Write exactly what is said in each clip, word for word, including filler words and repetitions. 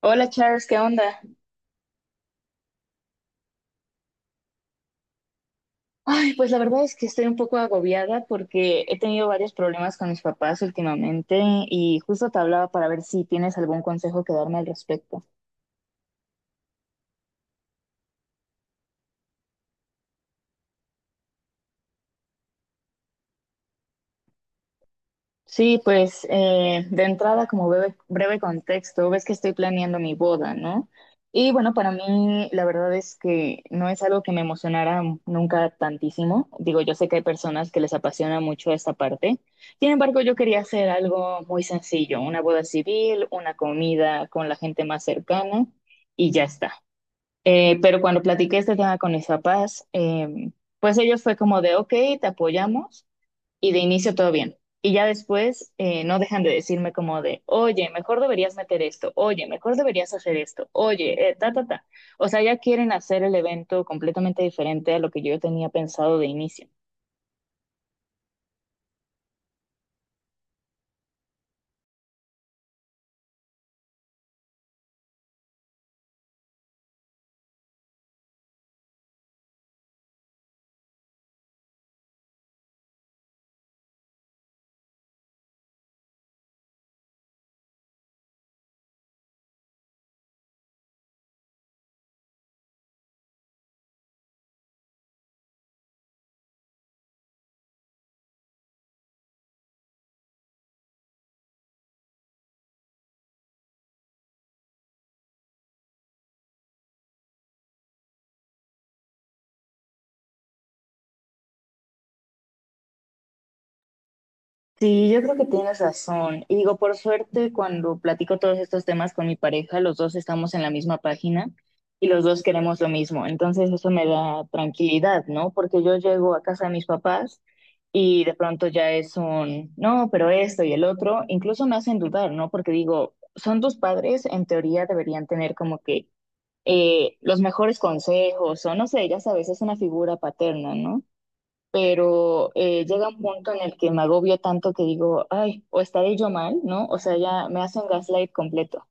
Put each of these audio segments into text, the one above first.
Hola Charles, ¿qué onda? Ay, pues la verdad es que estoy un poco agobiada porque he tenido varios problemas con mis papás últimamente y justo te hablaba para ver si tienes algún consejo que darme al respecto. Sí, pues eh, de entrada, como breve, breve contexto, ves que estoy planeando mi boda, ¿no? Y bueno, para mí la verdad es que no es algo que me emocionara nunca tantísimo. Digo, yo sé que hay personas que les apasiona mucho esta parte. Sin embargo, yo quería hacer algo muy sencillo, una boda civil, una comida con la gente más cercana y ya está. Eh, pero cuando platiqué este tema con mis papás, em, pues ellos fue como de, ok, te apoyamos y de inicio todo bien. Y ya después eh, no dejan de decirme como de, oye, mejor deberías meter esto, oye, mejor deberías hacer esto, oye, eh, ta, ta, ta. O sea, ya quieren hacer el evento completamente diferente a lo que yo tenía pensado de inicio. Sí, yo creo que tienes razón. Y digo, por suerte, cuando platico todos estos temas con mi pareja, los dos estamos en la misma página y los dos queremos lo mismo. Entonces eso me da tranquilidad, ¿no? Porque yo llego a casa de mis papás y de pronto ya es un, no, pero esto y el otro, incluso me hacen dudar, ¿no? Porque digo, son tus padres, en teoría deberían tener como que eh, los mejores consejos o no sé, ya sabes, es una figura paterna, ¿no? Pero eh, llega un punto en el que me agobio tanto que digo, ay, o estaré yo mal, ¿no? O sea, ya me hacen gaslight completo.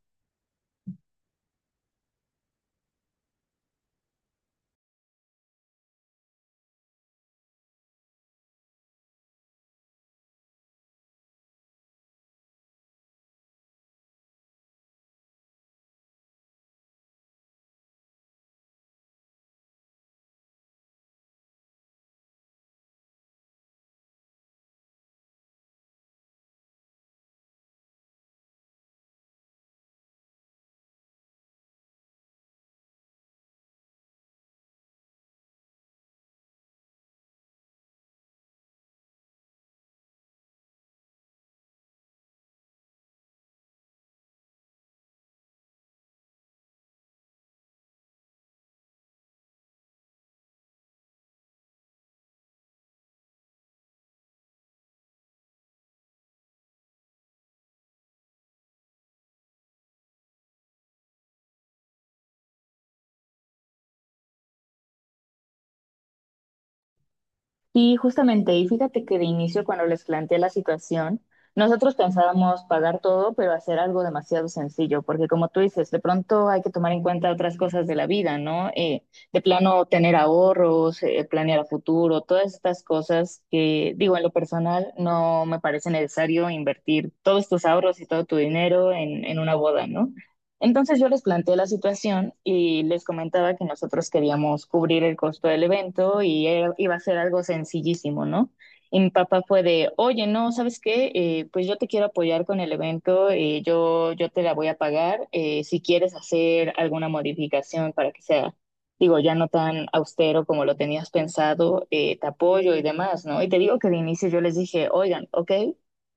Y justamente, y fíjate que de inicio cuando les planteé la situación, nosotros pensábamos pagar todo, pero hacer algo demasiado sencillo, porque como tú dices, de pronto hay que tomar en cuenta otras cosas de la vida, ¿no? Eh, de plano tener ahorros, eh, planear a futuro, todas estas cosas que, digo, en lo personal no me parece necesario invertir todos tus ahorros y todo tu dinero en, en una boda, ¿no? Entonces yo les planteé la situación y les comentaba que nosotros queríamos cubrir el costo del evento y era- iba a ser algo sencillísimo, ¿no? Y mi papá fue de, oye, no, ¿sabes qué? Eh, pues yo te quiero apoyar con el evento, eh, yo, yo te la voy a pagar, eh, si quieres hacer alguna modificación para que sea, digo, ya no tan austero como lo tenías pensado, eh, te apoyo y demás, ¿no? Y te digo que de inicio yo les dije, oigan, ok,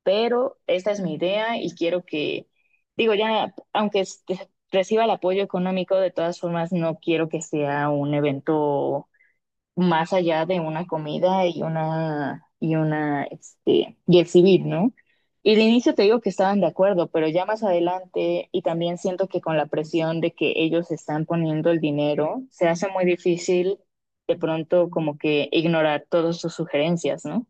pero esta es mi idea y quiero que, digo, ya, aunque reciba el apoyo económico, de todas formas no quiero que sea un evento más allá de una comida y una y una este y exhibir, ¿no? Y de inicio te digo que estaban de acuerdo, pero ya más adelante y también siento que con la presión de que ellos están poniendo el dinero, se hace muy difícil de pronto como que ignorar todas sus sugerencias, ¿no?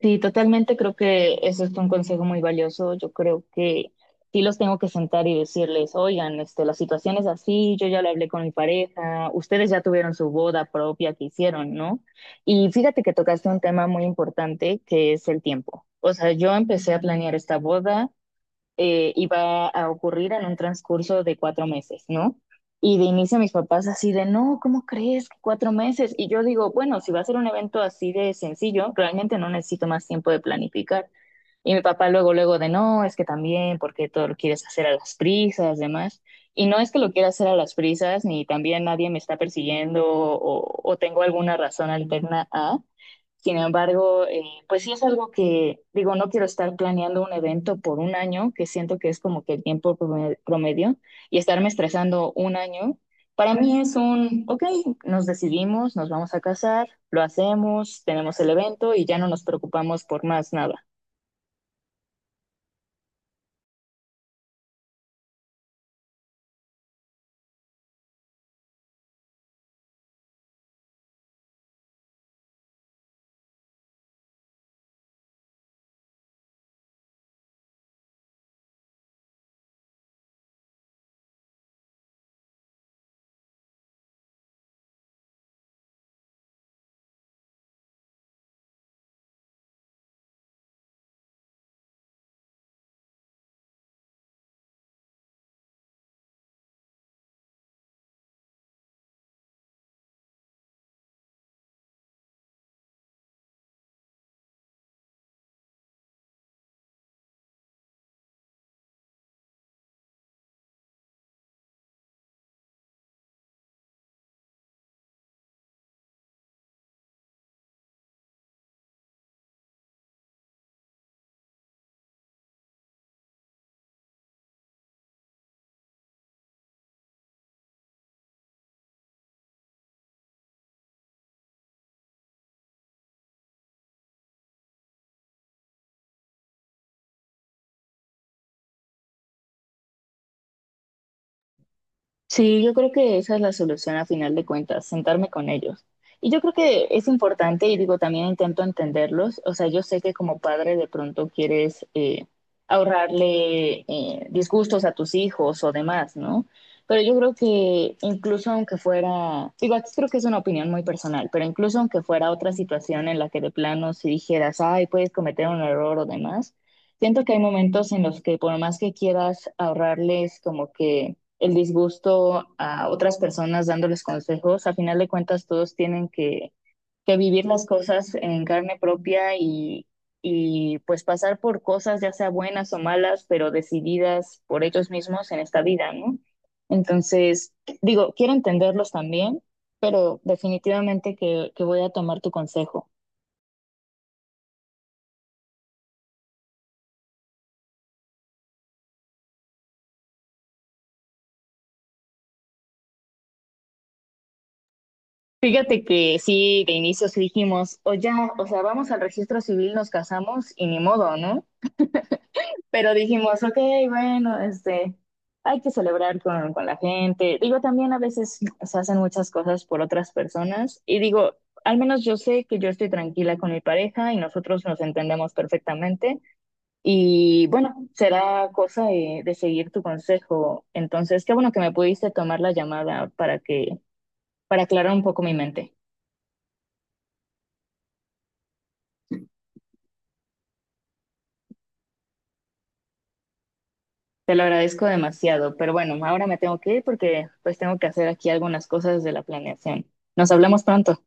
Sí, totalmente, creo que eso es un consejo muy valioso. Yo creo que sí los tengo que sentar y decirles, oigan, este, la situación es así, yo ya lo hablé con mi pareja, ustedes ya tuvieron su boda propia que hicieron, ¿no? Y fíjate que tocaste un tema muy importante que es el tiempo. O sea, yo empecé a planear esta boda eh, iba a ocurrir en un transcurso de cuatro meses, ¿no? Y de inicio mis papás así de, no, ¿cómo crees que cuatro meses? Y yo digo, bueno, si va a ser un evento así de sencillo, realmente no necesito más tiempo de planificar. Y mi papá luego, luego de, no, es que también, porque todo lo quieres hacer a las prisas, demás. Y no es que lo quiera hacer a las prisas, ni también nadie me está persiguiendo o, o tengo alguna razón alterna a, sin embargo, eh, pues sí es algo que, digo, no quiero estar planeando un evento por un año, que siento que es como que el tiempo prome- promedio, y estarme estresando un año. Para mí es un, ok, nos decidimos, nos vamos a casar, lo hacemos, tenemos el evento y ya no nos preocupamos por más nada. Sí, yo creo que esa es la solución a final de cuentas, sentarme con ellos. Y yo creo que es importante, y digo, también intento entenderlos. O sea, yo sé que como padre de pronto quieres eh, ahorrarle eh, disgustos a tus hijos o demás, ¿no? Pero yo creo que incluso aunque fuera, digo, aquí creo que es una opinión muy personal, pero incluso aunque fuera otra situación en la que de plano si dijeras, ay, puedes cometer un error o demás, siento que hay momentos en los que por más que quieras ahorrarles como que el disgusto a otras personas dándoles consejos. A final de cuentas, todos tienen que, que vivir las cosas en carne propia y, y pues pasar por cosas, ya sea buenas o malas, pero decididas por ellos mismos en esta vida, ¿no? Entonces, digo, quiero entenderlos también, pero definitivamente que, que voy a tomar tu consejo. Fíjate que sí, de inicio sí dijimos, o ya, o sea, vamos al registro civil, nos casamos y ni modo, ¿no? Pero dijimos, ok, bueno, este, hay que celebrar con, con la gente. Digo, también a veces se hacen muchas cosas por otras personas. Y digo, al menos yo sé que yo estoy tranquila con mi pareja y nosotros nos entendemos perfectamente. Y bueno, será cosa de, de seguir tu consejo. Entonces, qué bueno que me pudiste tomar la llamada para que, para aclarar un poco mi mente. Te lo agradezco demasiado, pero bueno, ahora me tengo que ir porque pues tengo que hacer aquí algunas cosas de la planeación. Nos hablamos pronto.